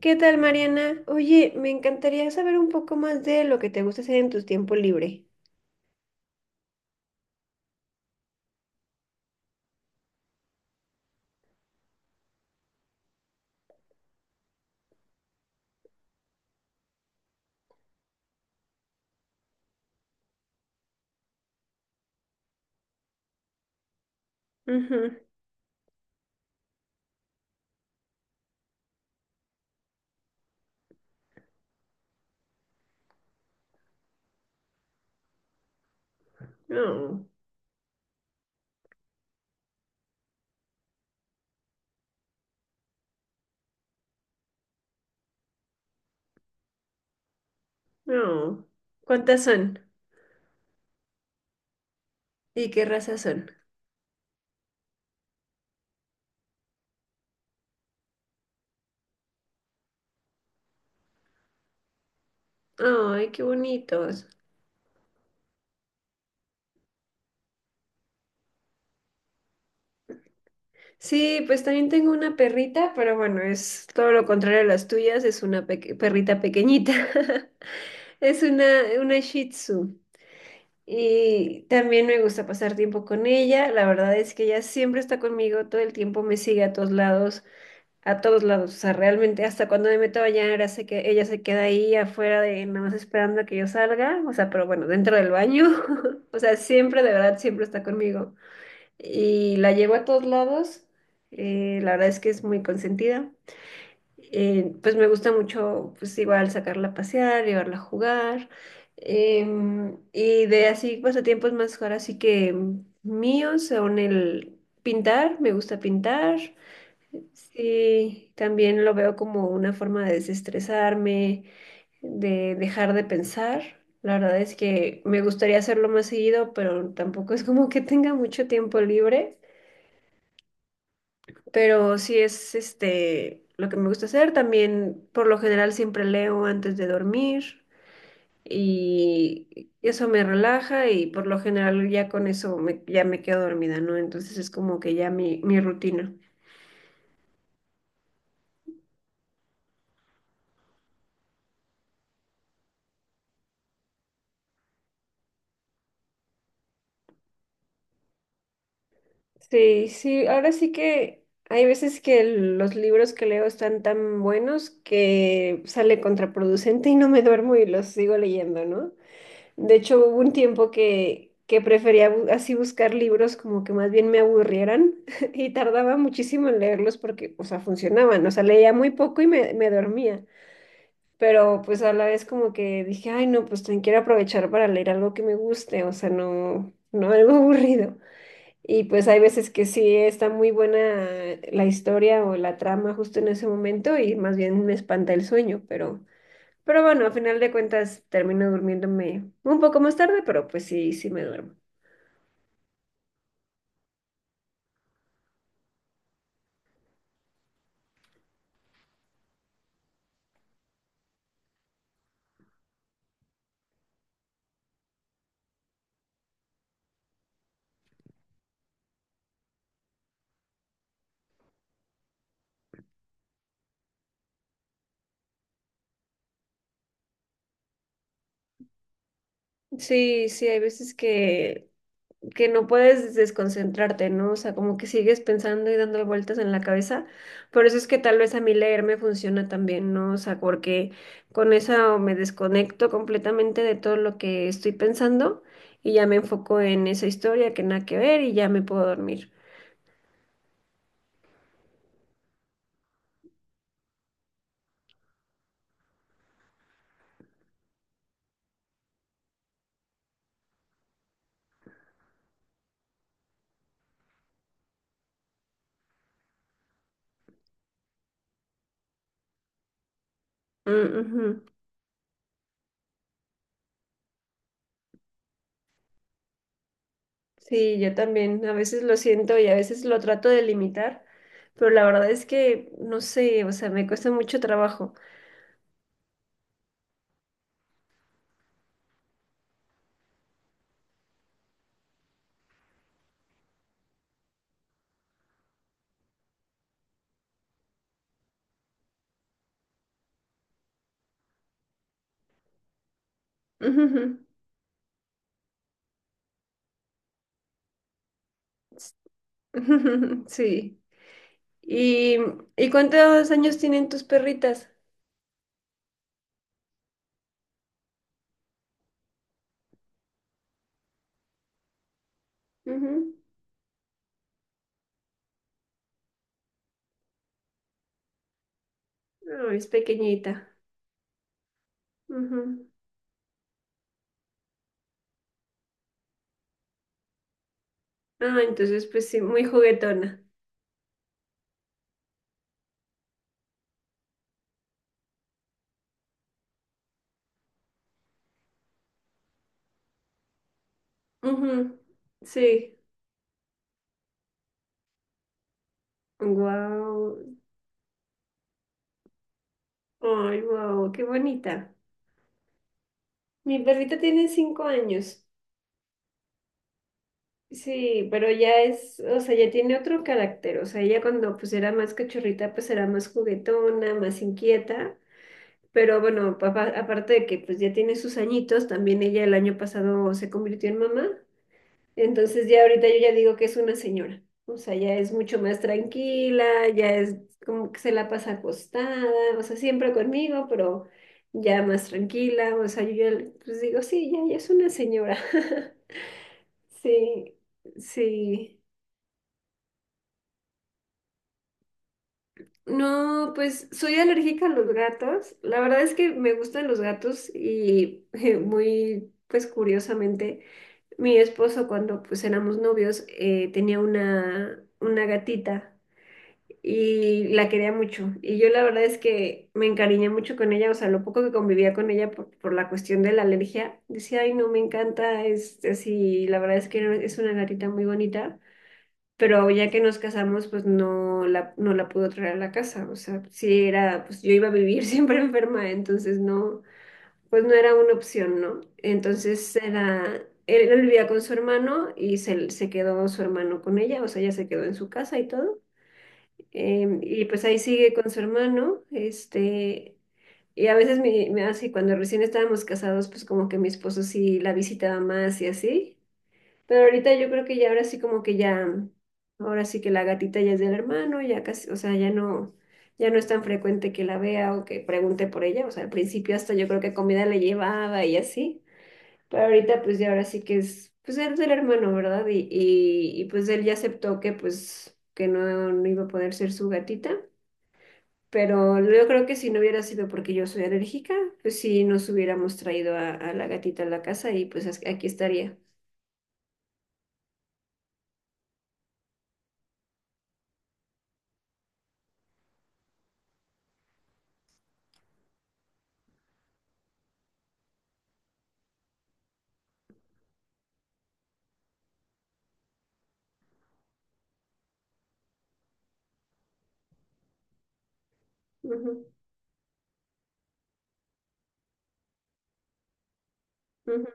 ¿Qué tal, Mariana? Oye, me encantaría saber un poco más de lo que te gusta hacer en tu tiempo libre. Ujú. No, no. ¿Cuántas son? ¿Y qué razas son? Ay, qué bonitos. Sí, pues también tengo una perrita, pero bueno, es todo lo contrario a las tuyas, es una perrita pequeñita. Es una Shih Tzu. Y también me gusta pasar tiempo con ella. La verdad es que ella siempre está conmigo, todo el tiempo me sigue a todos lados, a todos lados. O sea, realmente hasta cuando me meto a bañar, hace que ella se queda ahí afuera de nada más esperando a que yo salga. O sea, pero bueno, dentro del baño. O sea, siempre, de verdad, siempre está conmigo. Y la llevo a todos lados. La verdad es que es muy consentida. Pues me gusta mucho, pues igual sacarla a pasear, llevarla a jugar. Y de así pasatiempos más ahora sí que míos son el pintar, me gusta pintar. Sí, también lo veo como una forma de desestresarme, de dejar de pensar. La verdad es que me gustaría hacerlo más seguido, pero tampoco es como que tenga mucho tiempo libre. Pero sí es este lo que me gusta hacer. También, por lo general, siempre leo antes de dormir y eso me relaja y por lo general ya con eso ya me quedo dormida, ¿no? Entonces es como que ya mi rutina. Sí, sí, ahora sí que hay veces que los libros que leo están tan buenos que sale contraproducente y no me duermo y los sigo leyendo, ¿no? De hecho, hubo un tiempo que prefería así buscar libros como que más bien me aburrieran y tardaba muchísimo en leerlos porque, o sea, funcionaban, o sea, leía muy poco y me dormía, pero pues a la vez como que dije, ay, no, pues también quiero aprovechar para leer algo que me guste, o sea, no algo aburrido. Y pues hay veces que sí está muy buena la historia o la trama justo en ese momento y más bien me espanta el sueño, pero... Pero bueno, a final de cuentas termino durmiéndome un poco más tarde, pero pues sí, sí me duermo. Sí, sí, hay veces que no puedes desconcentrarte, ¿no? O sea, como que sigues pensando y dando vueltas en la cabeza. Por eso es que tal vez a mí leer me funciona también, ¿no? O sea, porque con eso me desconecto completamente de todo lo que estoy pensando y ya me enfoco en esa historia que nada que ver y ya me puedo dormir. Mm, ujú. Sí, yo también a veces lo siento y a veces lo trato de limitar, pero la verdad es que no sé, o sea, me cuesta mucho trabajo. Ujujú. Sí. ¿Y, y cuántos años tienen tus perritas? Ujú. No, es pequeñita. Ujú. Ah, entonces pues sí, muy juguetona. Ujú. Sí. Wow. Ay, wow, qué bonita. Mi perrita tiene 5 años. Sí, pero ya es, o sea, ya tiene otro carácter, o sea, ella cuando pues era más cachorrita, pues era más juguetona, más inquieta, pero bueno, papá, aparte de que pues ya tiene sus añitos, también ella el año pasado se convirtió en mamá, entonces ya ahorita yo ya digo que es una señora, o sea, ya es mucho más tranquila, ya es como que se la pasa acostada, o sea, siempre conmigo, pero ya más tranquila, o sea, yo ya pues digo, sí, ya, ya es una señora, sí, sí. No, pues soy alérgica a los gatos. La verdad es que me gustan los gatos y muy, pues curiosamente, mi esposo cuando pues éramos novios tenía una gatita y la quería mucho. Y yo la verdad es que me encariñé mucho con ella, o sea, lo poco que convivía con ella por la cuestión de la alergia, decía, ay, no, me encanta, es así, la verdad es que es una gatita muy bonita, pero ya que nos casamos, pues no la pudo traer a la casa, o sea, sí era, pues yo iba a vivir siempre enferma, entonces no, pues no era una opción, ¿no? Entonces era, él vivía con su hermano y se quedó su hermano con ella, o sea, ella se quedó en su casa y todo, y pues ahí sigue con su hermano, este... Y a veces me así, cuando recién estábamos casados, pues como que mi esposo sí la visitaba más y así. Pero ahorita yo creo que ya ahora sí como que ya, ahora sí que la gatita ya es del hermano, ya casi, o sea, ya no, ya no es tan frecuente que la vea o que pregunte por ella. O sea, al principio hasta yo creo que comida le llevaba y así. Pero ahorita pues ya ahora sí que es, pues él es del hermano, ¿verdad? Y pues él ya aceptó que pues que no, no iba a poder ser su gatita. Pero yo creo que si no hubiera sido porque yo soy alérgica, pues sí nos hubiéramos traído a la gatita a la casa y pues aquí estaría. Ujú, ujú.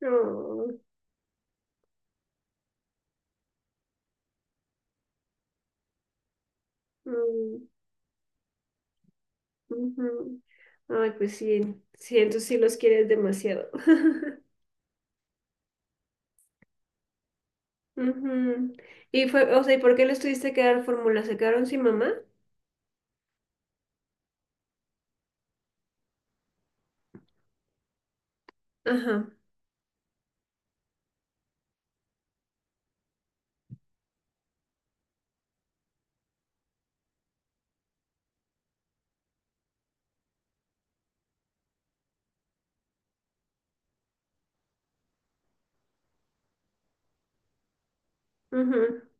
No. Mm, ujú. Ay, pues sí, sí, entonces sí los quieres demasiado. Ujú. Y fue, o sea, ¿y por qué les tuviste que dar fórmula? ¿Se quedaron sin mamá? Ajá. Ujú.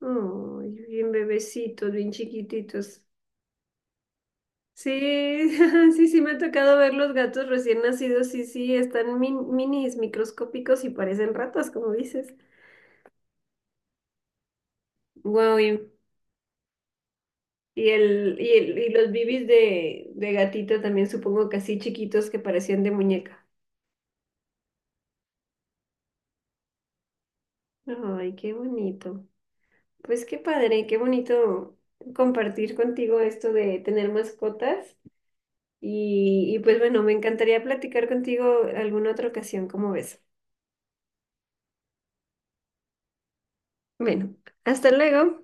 Ay, bien bebecitos, bien chiquititos. Sí, sí, sí, me ha tocado ver los gatos recién nacidos. Sí, sí, están minis, microscópicos y parecen ratas, como dices. Wow, y el, y los bibis de gatito también supongo que así chiquitos que parecían de muñeca. Ay, qué bonito. Pues qué padre, qué bonito compartir contigo esto de tener mascotas. Y pues bueno, me encantaría platicar contigo alguna otra ocasión, como ves. Bueno, hasta luego.